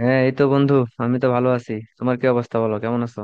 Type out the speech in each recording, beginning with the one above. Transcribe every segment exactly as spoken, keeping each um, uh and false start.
হ্যাঁ, এই তো বন্ধু। আমি তো ভালো আছি। তোমার কি অবস্থা, বলো কেমন আছো?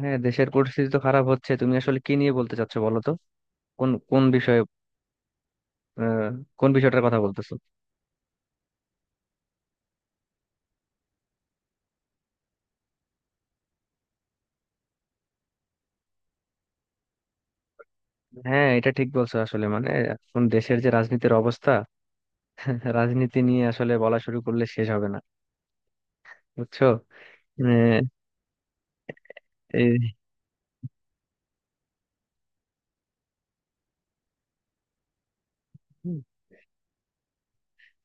হ্যাঁ, দেশের পরিস্থিতি তো খারাপ হচ্ছে। তুমি আসলে কি নিয়ে বলতে চাচ্ছো বলো তো? কোন কোন বিষয়ে? আহ, কোন বিষয়টার কথা বলতেছো? হ্যাঁ, এটা ঠিক বলছো। আসলে মানে এখন দেশের যে রাজনীতির অবস্থা, রাজনীতি নিয়ে আসলে বলা শুরু করলে শেষ হবে না, বুঝছো? আহ, এই-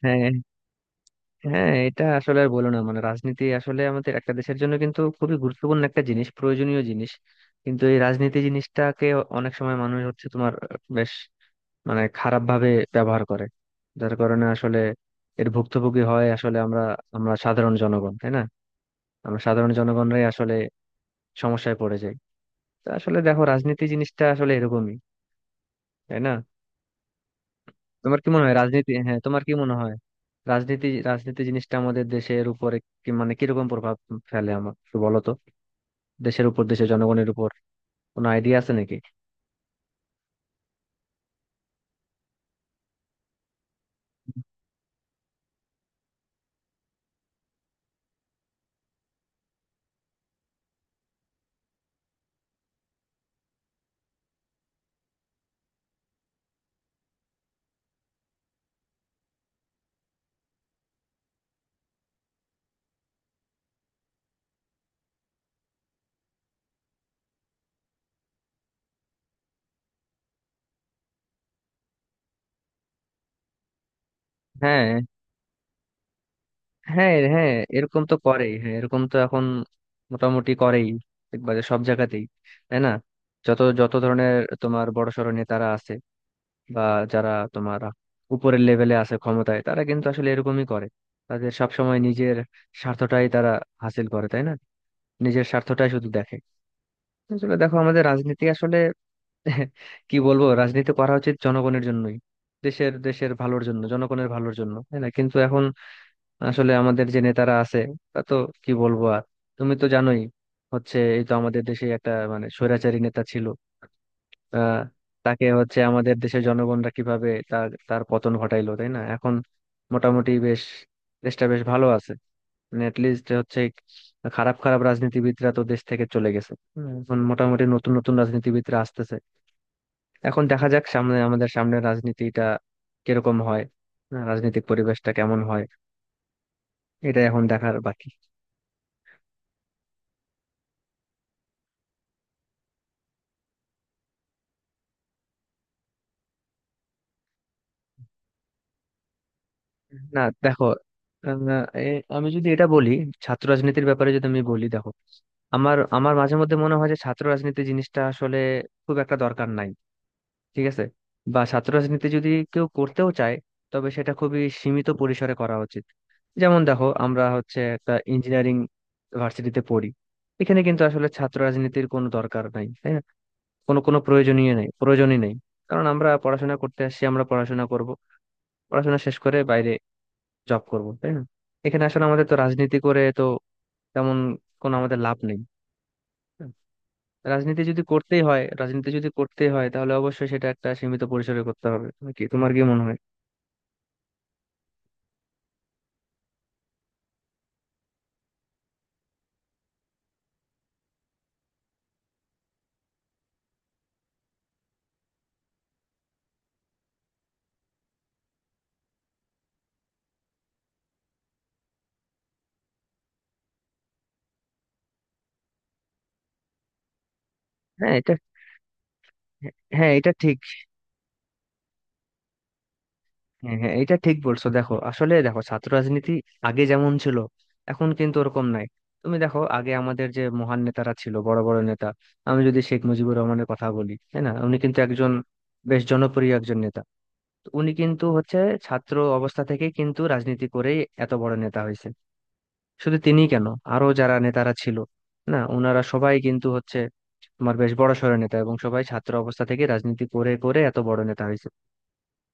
হ্যাঁ হ্যাঁ, এটা আসলে আর বলো না। মানে রাজনীতি আসলে আমাদের একটা দেশের জন্য কিন্তু খুবই গুরুত্বপূর্ণ একটা জিনিস, প্রয়োজনীয় জিনিস। কিন্তু এই রাজনীতি জিনিসটাকে অনেক সময় মানুষ হচ্ছে তোমার, বেশ মানে খারাপ ভাবে ব্যবহার করে। যার কারণে আসলে এর ভুক্তভোগী হয় আসলে আমরা, আমরা সাধারণ জনগণ, তাই না? আমরা সাধারণ জনগণরাই আসলে সমস্যায় পড়ে যাই। তো আসলে দেখো, রাজনীতি জিনিসটা আসলে এরকমই, তাই না? তোমার কি মনে হয় রাজনীতি, হ্যাঁ তোমার কি মনে হয় রাজনীতি রাজনীতি জিনিসটা আমাদের দেশের উপরে কি মানে কিরকম প্রভাব ফেলে, আমার একটু বলো তো? দেশের উপর, দেশের জনগণের উপর কোনো আইডিয়া আছে নাকি? হ্যাঁ, হ্যাঁ, হ্যাঁ, এরকম তো করেই। হ্যাঁ, এরকম তো এখন মোটামুটি করেই, একবারে সব জায়গাতেই, তাই না? যত যত ধরনের তোমার বড়সড় নেতারা আছে, বা যারা তোমার উপরের লেভেলে আছে ক্ষমতায়, তারা কিন্তু আসলে এরকমই করে। তাদের সবসময় নিজের স্বার্থটাই তারা হাসিল করে, তাই না? নিজের স্বার্থটাই শুধু দেখে। আসলে দেখো আমাদের রাজনীতি আসলে কি বলবো, রাজনীতি করা উচিত জনগণের জন্যই, দেশের দেশের ভালোর জন্য, জনগণের ভালোর জন্য, তাই না? কিন্তু এখন আসলে আমাদের যে নেতারা আছে তা তো কি বলবো আর, তুমি তো জানোই। হচ্ছে এই তো আমাদের দেশে একটা মানে স্বৈরাচারী নেতা ছিল, আহ তাকে হচ্ছে আমাদের দেশের জনগণরা কিভাবে তার তার পতন ঘটাইলো, তাই না? এখন মোটামুটি বেশ, দেশটা বেশ ভালো আছে। মানে লিস্ট হচ্ছে, খারাপ খারাপ রাজনীতিবিদরা তো দেশ থেকে চলে গেছে। হুম, এখন মোটামুটি নতুন নতুন রাজনীতিবিদরা আসতেছে। এখন দেখা যাক সামনে, আমাদের সামনে রাজনীতিটা কিরকম হয়। হ্যাঁ, রাজনৈতিক পরিবেশটা কেমন হয়, এটা এখন দেখার বাকি। না দেখো, আহ, এ- আমি যদি এটা বলি, ছাত্র রাজনীতির ব্যাপারে যদি আমি বলি, দেখো আমার আমার মাঝে মধ্যে মনে হয় যে ছাত্র রাজনীতি জিনিসটা আসলে খুব একটা দরকার নাই, ঠিক আছে? বা ছাত্র রাজনীতি যদি কেউ করতেও চায়, তবে সেটা খুবই সীমিত পরিসরে করা উচিত। যেমন দেখো আমরা হচ্ছে একটা ইঞ্জিনিয়ারিং ভার্সিটিতে পড়ি। এখানে কিন্তু আসলে ছাত্র রাজনীতির কোনো দরকার নাই, তাই না? কোনো কোনো প্রয়োজনীয় নেই, প্রয়োজনই নেই। কারণ আমরা পড়াশোনা করতে আসছি, আমরা পড়াশোনা করব, পড়াশোনা শেষ করে বাইরে জব করব, তাই না? এখানে আসলে আমাদের তো রাজনীতি করে তো তেমন কোনো আমাদের লাভ নেই। হুম। রাজনীতি যদি করতেই হয় রাজনীতি যদি করতেই হয় তাহলে অবশ্যই সেটা একটা সীমিত পরিসরে করতে হবে। তুমি কি, তোমার কি মনে হয়? হ্যাঁ এটা, হ্যাঁ এটা ঠিক। হ্যাঁ হ্যাঁ, এটা ঠিক বলছো। দেখো আসলে, দেখো ছাত্র রাজনীতি আগে যেমন ছিল এখন কিন্তু ওরকম নাই। তুমি দেখো আগে আমাদের যে মহান নেতারা ছিল, বড় বড় নেতা, আমি যদি শেখ মুজিবুর রহমানের কথা বলি, তাই না, উনি কিন্তু একজন বেশ জনপ্রিয় একজন নেতা। তো উনি কিন্তু হচ্ছে ছাত্র অবস্থা থেকে কিন্তু রাজনীতি করেই এত বড় নেতা হয়েছে। শুধু তিনি কেন, আরো যারা নেতারা ছিল না, ওনারা সবাই কিন্তু হচ্ছে তোমার বেশ বড় সড় নেতা, এবং সবাই ছাত্র অবস্থা থেকে রাজনীতি করে করে এত বড় নেতা হয়েছে।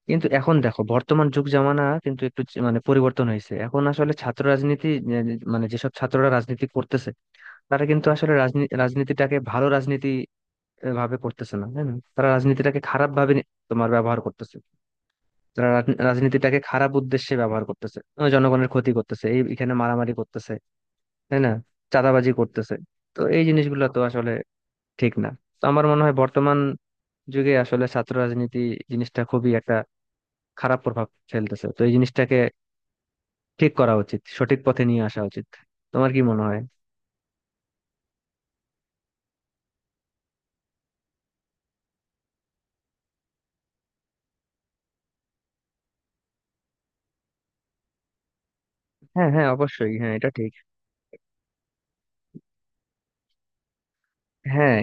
কিন্তু এখন দেখো বর্তমান যুগ জামানা কিন্তু একটু চে- মানে পরিবর্তন হয়েছে। এখন আসলে ছাত্র রাজনীতি, এ, মানে যেসব ছাত্ররা রাজনীতি করতেছে তারা কিন্তু আসলে রাজনীতি রাজনীতিটাকে ভালো রাজনীতি এ, ভাবে করতেছে না, তাই না? তারা রাজনীতিটাকে খারাপ ভাবে নি- তোমার ব্যবহার করতেছে। তারা রাজ- রাজনীতিটাকে খারাপ উদ্দেশ্যে ব্যবহার করতেছে। আহ, জনগণের ক্ষতি করতেছে, এই এখানে মারামারি করতেছে, তাই না? চাঁদাবাজি করতেছে। তো এই জিনিসগুলো তো আসলে ঠিক না। তো আমার মনে হয় বর্তমান যুগে আসলে ছাত্র রাজনীতি জিনিসটা খুবই একটা খারাপ প্রভাব ফেলতেছে। তো এই জিনিসটাকে ঠিক করা উচিত, সঠিক পথে নিয়ে আসা উচিত। তোমার কি মনে হয়? হ্যাঁ হ্যাঁ, অবশ্যই। হ্যাঁ, এটা ঠিক। হ্যাঁ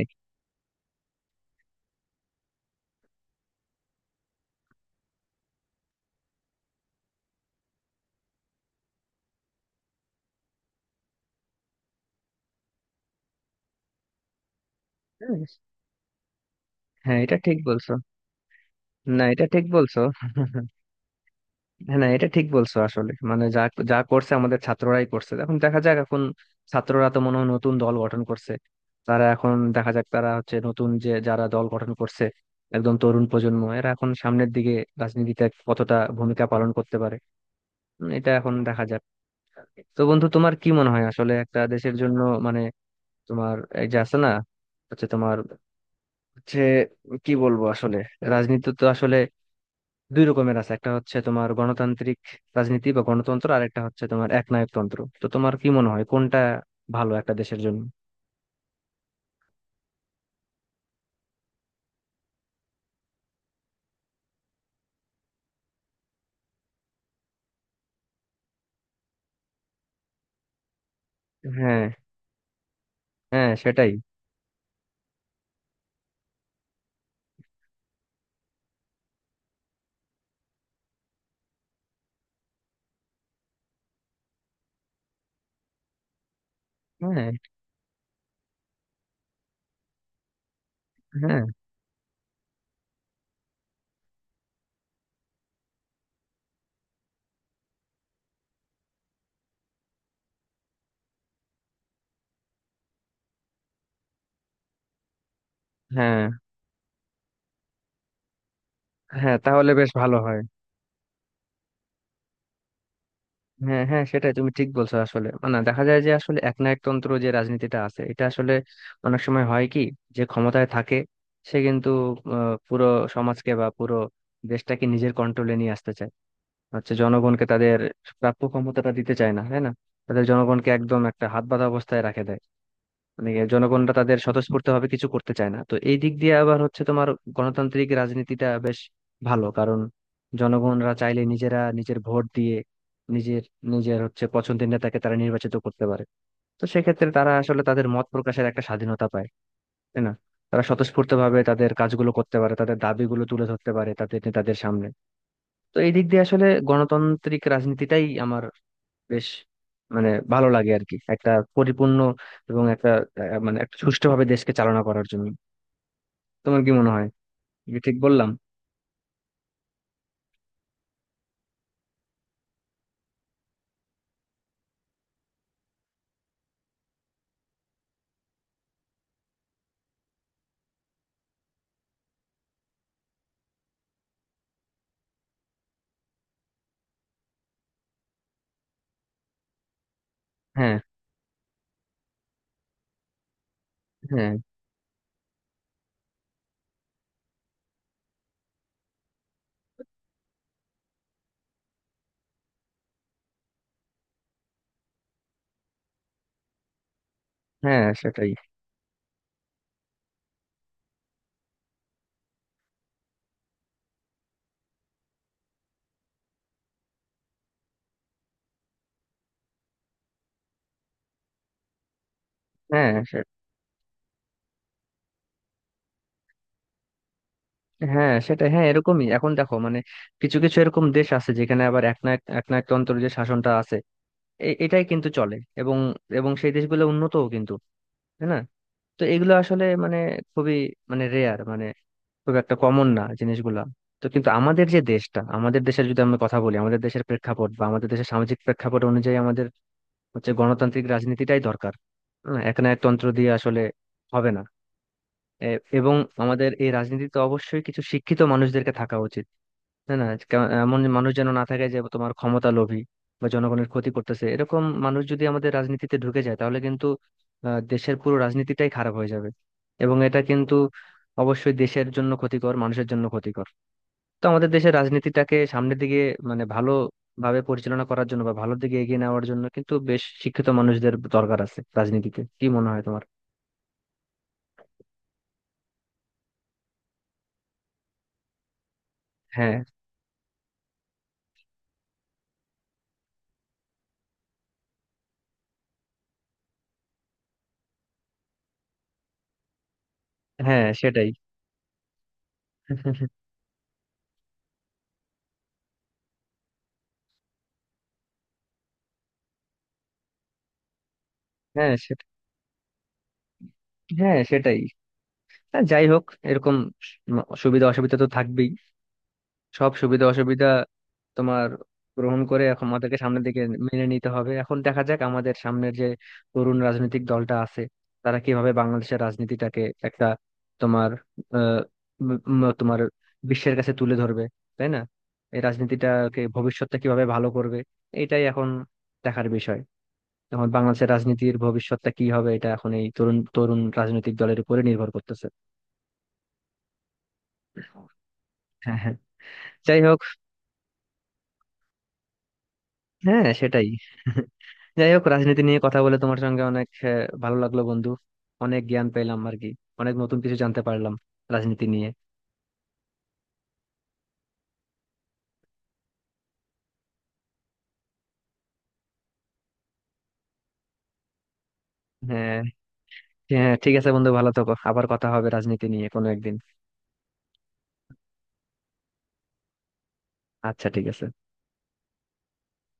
হ্যাঁ। হ্যাঁ, এটা ঠিক বলছো। না এটা ঠিক বলছো। না এটা ঠিক বলছো। আসলে মানে যা যা করছে আমাদের ছাত্ররাই করছে। এখন দেখা যাক, এখন ছাত্ররা তো মনে হয় নতুন দল গঠন করছে। তারা, এখন দেখা যাক তারা হচ্ছে নতুন যে যারা দল গঠন করছে, একদম তরুণ প্রজন্ম, এরা এখন সামনের দিকে রাজনীতিতে কতটা ভূমিকা পালন করতে পারে। উম, এটা এখন দেখা যাক। তো বন্ধু তোমার কি মনে হয় আসলে একটা দেশের জন্য, মানে তোমার এই যে আছে না, হচ্ছে তোমার হচ্ছে কি বলবো আসলে, রাজনীতি তো আসলে দুই রকমের আছে, একটা হচ্ছে তোমার গণতান্ত্রিক রাজনীতি বা গণতন্ত্র, আর একটা হচ্ছে তোমার একনায়কতন্ত্র। তো তোমার কি মনে হয় কোনটা ভালো একটা দেশের জন্য? হ্যাঁ, হ্যাঁ সেটাই। হ্যাঁ হ্যাঁ হ্যাঁ হ্যাঁ, তাহলে বেশ ভালো হয়। হ্যাঁ হ্যাঁ সেটাই, তুমি ঠিক বলছো। আসলে মানে দেখা যায় যে আসলে একনায়কতন্ত্র যে রাজনীতিটা আছে এটা আসলে অনেক সময় হয় কি, যে ক্ষমতায় থাকে সে কিন্তু আহ, পুরো সমাজকে বা পুরো দেশটাকে নিজের কন্ট্রোলে নিয়ে আসতে চায়। হচ্ছে জনগণকে তাদের প্রাপ্য ক্ষমতাটা দিতে চায় না, তাই না? তাদের জনগণকে একদম একটা হাত বাঁধা অবস্থায় রাখে দেয়। মানে ইয়ে জনগণরা তাদের স্বতঃস্ফূর্তভাবে কিছু করতে চায় না। তো এই দিক দিয়ে আবার হচ্ছে তোমার গণতান্ত্রিক রাজনীতিটা বেশ ভালো, কারণ জনগণরা চাইলে নিজেরা নিজের ভোট দিয়ে নিজের নিজের হচ্ছে পছন্দের নেতাকে তারা নির্বাচিত করতে পারে। তো সেক্ষেত্রে তারা আসলে তাদের মত প্রকাশের একটা স্বাধীনতা পায়, তাই না? তারা স্বতঃস্ফূর্তভাবে তাদের কাজগুলো করতে পারে, তাদের দাবিগুলো তুলে ধরতে পারে তাদের নেতাদের সামনে। তো এই দিক দিয়ে আসলে গণতান্ত্রিক রাজনীতিটাই আমার বেশ মানে ভালো লাগে আর কি। একটা পরিপূর্ণ এবং একটা আহ, মানে একটা সুষ্ঠুভাবে দেশকে চালনা করার জন্য। তোমার কি মনে হয়, কি ঠিক বললাম? হ্যাঁ হ্যাঁ, হ্যাঁ সেটাই। হ্যাঁ সে- হ্যাঁ সেটাই। হ্যাঁ এরকমই। এখন দেখো মানে কিছু কিছু এরকম দেশ আছে যেখানে আবার একনায়ক একনায়কতন্ত্র যে শাসনটা আছে এ- এটাই কিন্তু চলে, এবং এবং সেই দেশগুলো উন্নতও কিন্তু, তাই না? তো এগুলো আসলে মানে খুবই মানে রেয়ার, খুব একটা কমন না জিনিসগুলা। তো কিন্তু আমাদের যে দেশটা, আমাদের দেশের যদি আমরা কথা বলি, আমাদের দেশের প্রেক্ষাপট বা আমাদের দেশের সামাজিক প্রেক্ষাপট অনুযায়ী আমাদের হচ্ছে গণতান্ত্রিক রাজনীতিটাই দরকার। হ্যাঁ, এক না তন্ত্র দিয়ে আসলে হবে না। এ- এবং আমাদের এই রাজনীতিতে অবশ্যই কিছু শিক্ষিত মানুষদেরকে থাকা উচিত, তাই না? কে- এমন মানুষ যেন না থাকে যে তোমার ক্ষমতা লোভী বা জনগণের ক্ষতি করতেছে। এরকম মানুষ যদি আমাদের রাজনীতিতে ঢুকে যায় তাহলে কিন্তু আহ, দেশের পুরো রাজনীতিটাই খারাপ হয়ে যাবে। এবং এটা কিন্তু অবশ্যই দেশের জন্য ক্ষতিকর, মানুষের জন্য ক্ষতিকর। তো আমাদের দেশের রাজনীতিটাকে সামনের দিকে মানে ভালো ভাবে পরিচালনা করার জন্য বা ভালোর দিকে এগিয়ে নেওয়ার জন্য কিন্তু বেশ শিক্ষিত মানুষদের দরকার আছে রাজনীতিতে। কি মনে হয় তোমার? হ্যাঁ হ্যাঁ সেটাই। হ্যাঁ সেটাই। হ্যাঁ সেটাই। হ্যাঁ, যাই হোক এরকম উম, সুবিধা অসুবিধা তো থাকবেই। সব সুবিধা অসুবিধা তোমার গ্রহণ করে এখন আমাদেরকে সামনের দিকে মেনে নিতে হবে। এখন দেখা যাক আমাদের সামনের যে তরুণ রাজনৈতিক দলটা আছে তারা কিভাবে বাংলাদেশের রাজনীতিটাকে একটা তোমার আহ উম, উম, তোমার বিশ্বের কাছে তুলে ধরবে, তাই না? এই রাজনীতিটাকে, ভবিষ্যৎটা কিভাবে ভালো করবে এটাই এখন দেখার বিষয়। এখন বাংলাদেশের রাজনীতির ভবিষ্যৎটা কি হবে এটা এখন এই তরুণ তরুণ রাজনৈতিক দলের উপরে নির্ভর করতেছে। হ্যাঁ হ্যাঁ। যাই হোক, হ্যাঁ সেটাই। যাই হোক, রাজনীতি নিয়ে কথা বলে তোমার সঙ্গে অনেক আহ, ভালো লাগলো বন্ধু। অনেক জ্ঞান পেলাম আর কি, অনেক নতুন কিছু জানতে পারলাম রাজনীতি নিয়ে। হ্যাঁ হ্যাঁ, ঠিক আছে বন্ধু, ভালো থাকো। আবার কথা হবে রাজনীতি নিয়ে কোনো একদিন। আচ্ছা, ঠিক আছে।